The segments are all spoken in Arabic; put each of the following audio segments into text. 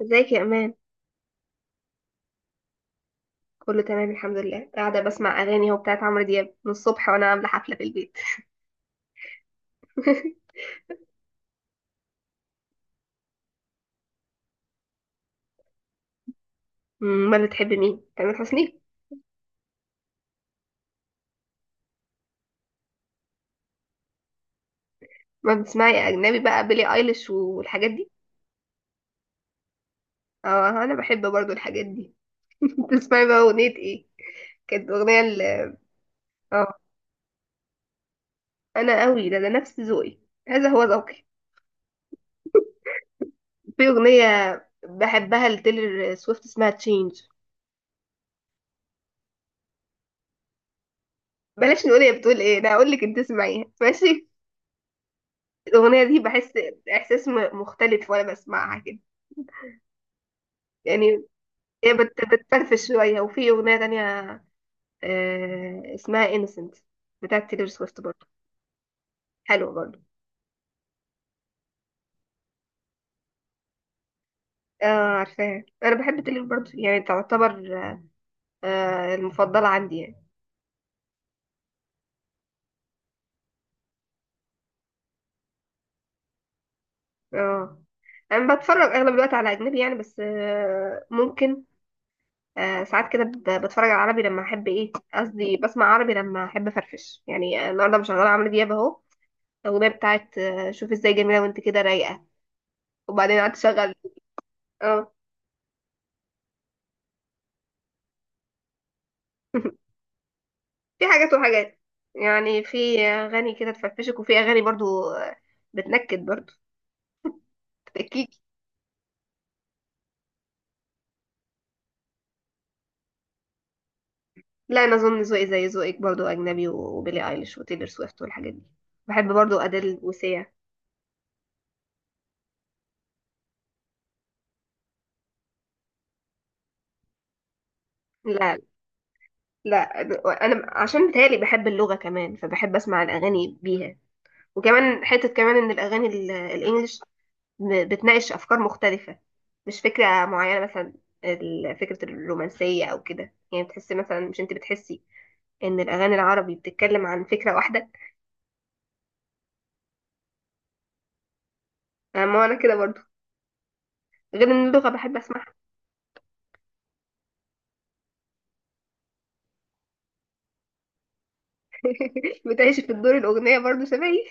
ازيك يا امان؟ كله تمام الحمد لله، قاعده بسمع اغاني اهو بتاعت عمرو دياب من الصبح وانا عامله حفله في البيت. ما بتحب مين؟ تامر حسني؟ ما بتسمعي اجنبي بقى؟ بيلي ايليش والحاجات دي؟ اه، انا بحب برضو الحاجات دي. تسمعي بقى اغنيه ايه؟ كانت اغنيه ال اه انا قوي، ده نفس ذوقي. هذا هو ذوقي. في اغنيه بحبها لتيلر سويفت اسمها تشينج. بلاش نقول هي بتقول ايه، انا هقول لك، انت اسمعيها ماشي؟ الاغنيه دي بحس احساس مختلف وانا بسمعها كده. يعني هي بتفرفش شوية. وفي أغنية تانية اسمها انسنت بتاعت تيلور سويفت برضه. حلوة برضه. اه، عارفاها. أنا بحب تيلور برضه، يعني تعتبر المفضلة عندي يعني. اه. أنا بتفرج أغلب الوقت على أجنبي يعني، بس ممكن ساعات كده بتفرج على عربي لما أحب، إيه قصدي، بسمع عربي لما أحب أفرفش. يعني النهاردة مشغلة عمرو دياب أهو. الأغنية بتاعت شوف إزاي، جميلة وأنت كده رايقة. وبعدين قعدت أشغل. اه. في حاجات وحاجات، يعني في اغاني كده تفرفشك وفي اغاني برضو بتنكد برضو، تبكيكي. لا، انا اظن ذوقي زي ذوقك برضو، اجنبي وبيلي ايليش وتيلر سويفت والحاجات دي. بحب برضو ادل وسيا. لا، لا، انا عشان بتهيألي بحب اللغة كمان، فبحب اسمع الاغاني بيها. وكمان حتة كمان ان الاغاني الانجليش بتناقش افكار مختلفة، مش فكرة معينة، مثلا فكرة الرومانسية او كده. يعني بتحسي مثلا، مش انت بتحسي ان الاغاني العربي بتتكلم عن فكره واحده؟ ما انا كده برضو، غير ان اللغه بحب اسمعها. بتعيش في الدور الاغنيه برضو شبهي.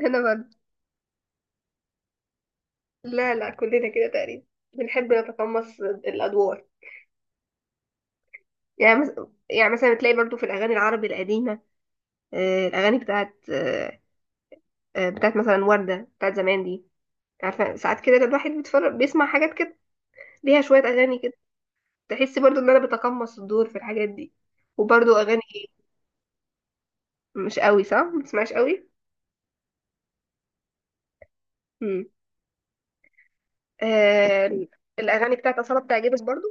انا برضو. لا، لا، كلنا كده تقريبا، بنحب نتقمص الادوار. يعني يعني مثلا تلاقي برضو في الاغاني العربي القديمه، الاغاني بتاعت بتاعت مثلا ورده بتاعت زمان دي. عارفه، ساعات كده الواحد بيتفرج بيسمع حاجات كده، ليها شويه اغاني كده. تحس برضو ان انا بتقمص الدور في الحاجات دي. وبرضو اغاني. مش قوي صح؟ ما بتسمعش قوي. آه. الاغاني بتاعت اصاله بتعجبك برضو؟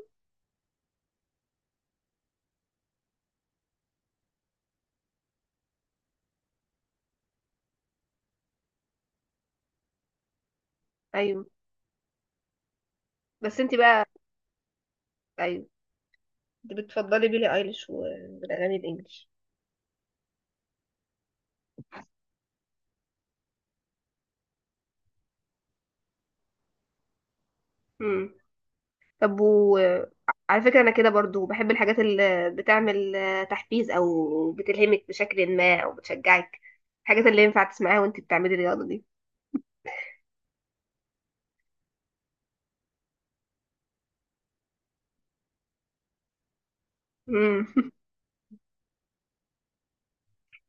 ايوه. بس انت بقى، ايوه، انت بتفضلي بيلي ايليش والاغاني الانجليش. امم طب، و... على فكره، انا كده برضو بحب الحاجات اللي بتعمل تحفيز، او بتلهمك بشكل ما، او بتشجعك. الحاجات اللي ينفع تسمعيها وانت بتعملي رياضه دي. امم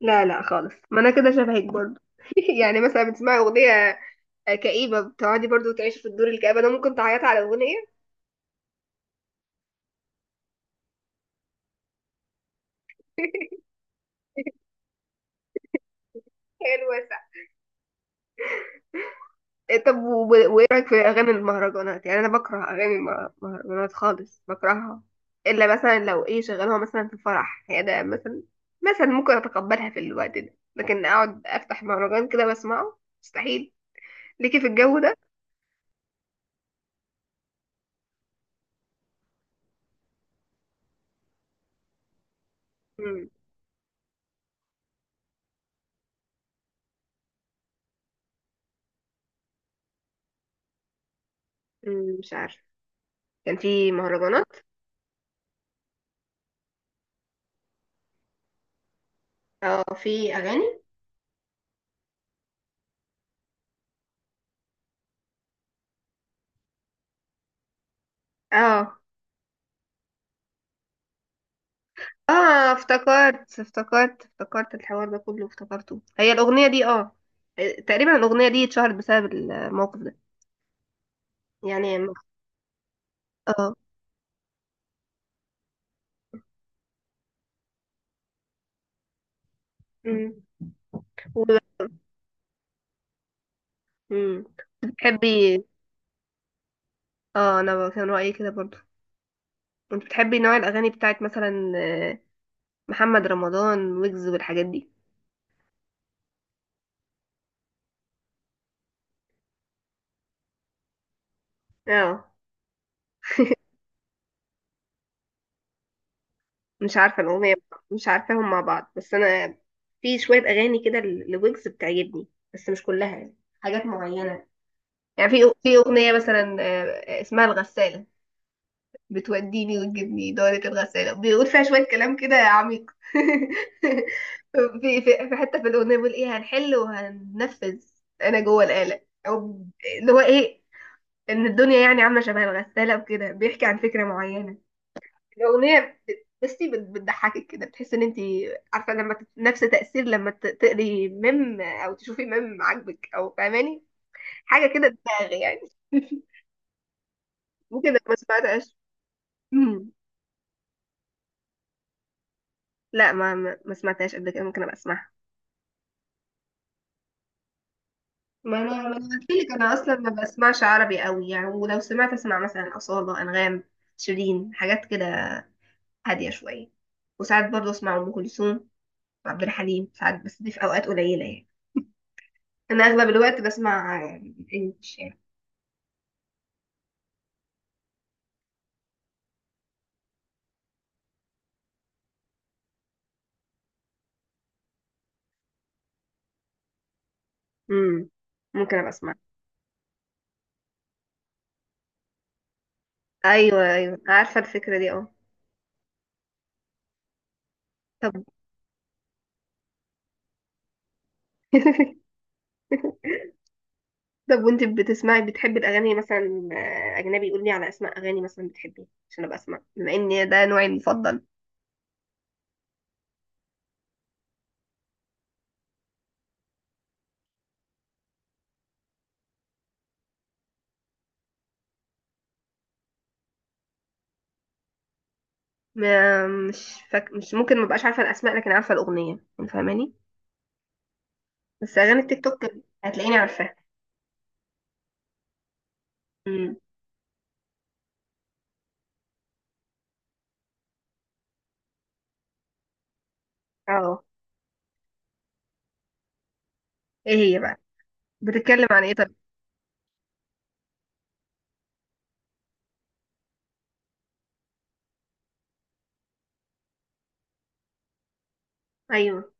لا، لا خالص، ما انا كده شبهك برضو. يعني مثلا بتسمعي اغنيه كئيبه، بتقعدي برضو تعيشي في الدور الكئيب. انا ممكن تعيطي على اغنيه. حلوه. إيه طب، وايه رايك في اغاني المهرجانات؟ يعني انا بكره اغاني المهرجانات خالص، بكرهها. الا مثلا لو ايه، شغلوها مثلا في فرح هي ده، مثلا ممكن اتقبلها في الوقت ده، لكن اقعد افتح مهرجان كده واسمعه مستحيل، ليكي في الجو ده. مم. مش عارفه. كان في مهرجانات؟ اه في اغاني. اه، اه، افتكرت افتكرت افتكرت الحوار ده كله، افتكرته. هي الاغنيه دي اه، تقريبا الاغنيه دي اتشهرت بسبب الموقف ده. يعني. اه. مم. وب- مم. بتحبي؟ اه، انا كان رأيي كده برضو. انت بتحبي نوع الاغاني بتاعت مثلا محمد رمضان، ويجز والحاجات دي؟ اه مش عارفه الاغنيه. مش عارفاهم مع بعض، بس انا في شويه اغاني كده لويجز بتعجبني، بس مش كلها يعني، حاجات معينه. يعني في اغنيه مثلا اسمها الغسالة. بتوديني وتجيبني دورة الغسالة، بيقول فيها شوية كلام كده عميق. في حتة في الأغنية بيقول، إيه، هنحل وهننفذ أنا جوه الآلة، أو اللي هو إيه، إن الدنيا يعني عاملة شبه الغسالة وكده، بيحكي عن فكرة معينة. الأغنية بصي بتضحكك كده، بتحس إن أنت عارفة لما نفس تأثير لما تقري ميم، أو تشوفي ميم عاجبك، أو فاهماني؟ حاجة كده دماغ يعني. ممكن لو ما سمعتهاش. لا، ما سمعتهاش قبل كده، ممكن ابقى اسمعها. ما انا قلت لك انا اصلا ما بسمعش عربي قوي يعني، ولو سمعت اسمع مثلا اصالة، انغام، شيرين، حاجات كده هاديه شويه. وساعات برضه اسمع ام كلثوم وعبد الحليم ساعات، بس دي في اوقات قليله يعني. انا اغلب الوقت بسمع انجلش يعني. امم ممكن ابقى اسمع. ايوه، ايوه، عارفه الفكره دي اه. طب. طب، وانت بتسمعي بتحبي الاغاني مثلا اجنبي، قولي على اسماء اغاني مثلا بتحبيها عشان ابقى اسمع، بما ان ده نوعي المفضل. مش ممكن، ما بقاش عارفه الاسماء، لكن عارفه الاغنيه، انت فاهماني. بس اغاني التيك توك هتلاقيني عارفاها. امم اه. ايه هي بقى؟ بتتكلم عن ايه طب؟ ايوه،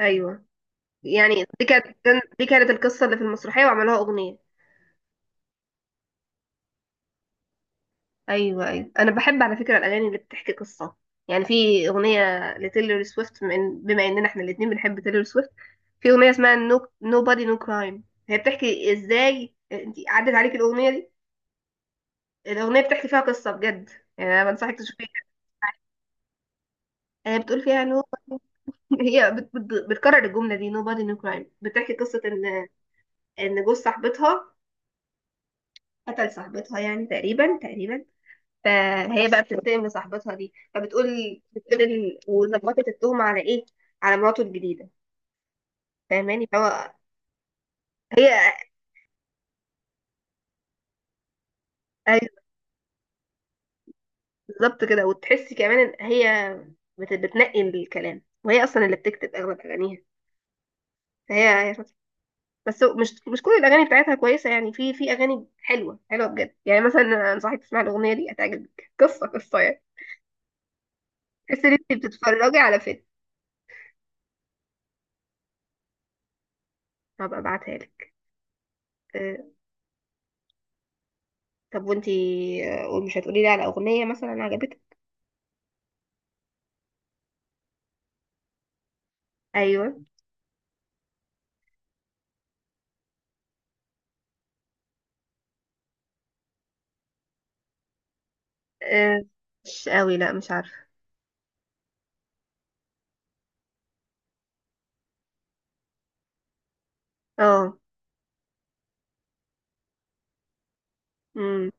ايوه، يعني دي كانت القصه اللي في المسرحيه وعملوها اغنيه؟ ايوه، ايوه، انا بحب على فكره الاغاني اللي بتحكي قصه. يعني في اغنيه لتيلر سويفت، بما اننا احنا الاثنين بنحب تيلر سويفت. في اغنيه اسمها نو بادي نو كرايم، هي بتحكي. ازاي انت عدت عليك الاغنيه دي؟ الأغنية بتحكي فيها قصة بجد، يعني أنا بنصحك تشوفيها. هي بتقول فيها نو. هي بتكرر الجملة دي nobody no crime. بتحكي قصة إن جوز صاحبتها قتل صاحبتها، يعني تقريبا تقريبا. فهي بقى بتنتقم لصاحبتها دي، فبتقول وظبطت التهمة على إيه؟ على مراته الجديدة. فاهماني؟ فهو هي أيوة، بالظبط كده. وتحسي كمان إن هي بتنقي الكلام، وهي أصلا اللي بتكتب أغلب أغانيها. فهي، بس مش كل الاغاني بتاعتها كويسه يعني، في اغاني حلوه حلوه بجد، يعني مثلا انا انصحك تسمعي الاغنيه دي هتعجبك، قصه قصه يعني. تحسي ان انت بتتفرجي على فيلم. هبقى ابعتها لك. أه. طب، وانتي مش هتقولي لي على اغنيه مثلا عجبتك؟ ايوه. أه مش قوي، لا، مش عارفه. اه. امم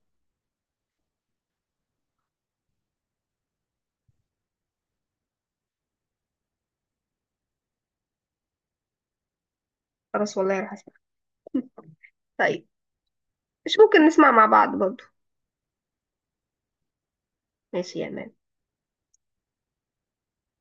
خلاص والله، راح اسمع. طيب، مش ممكن نسمع مع بعض برضو؟ ماشي يا مان.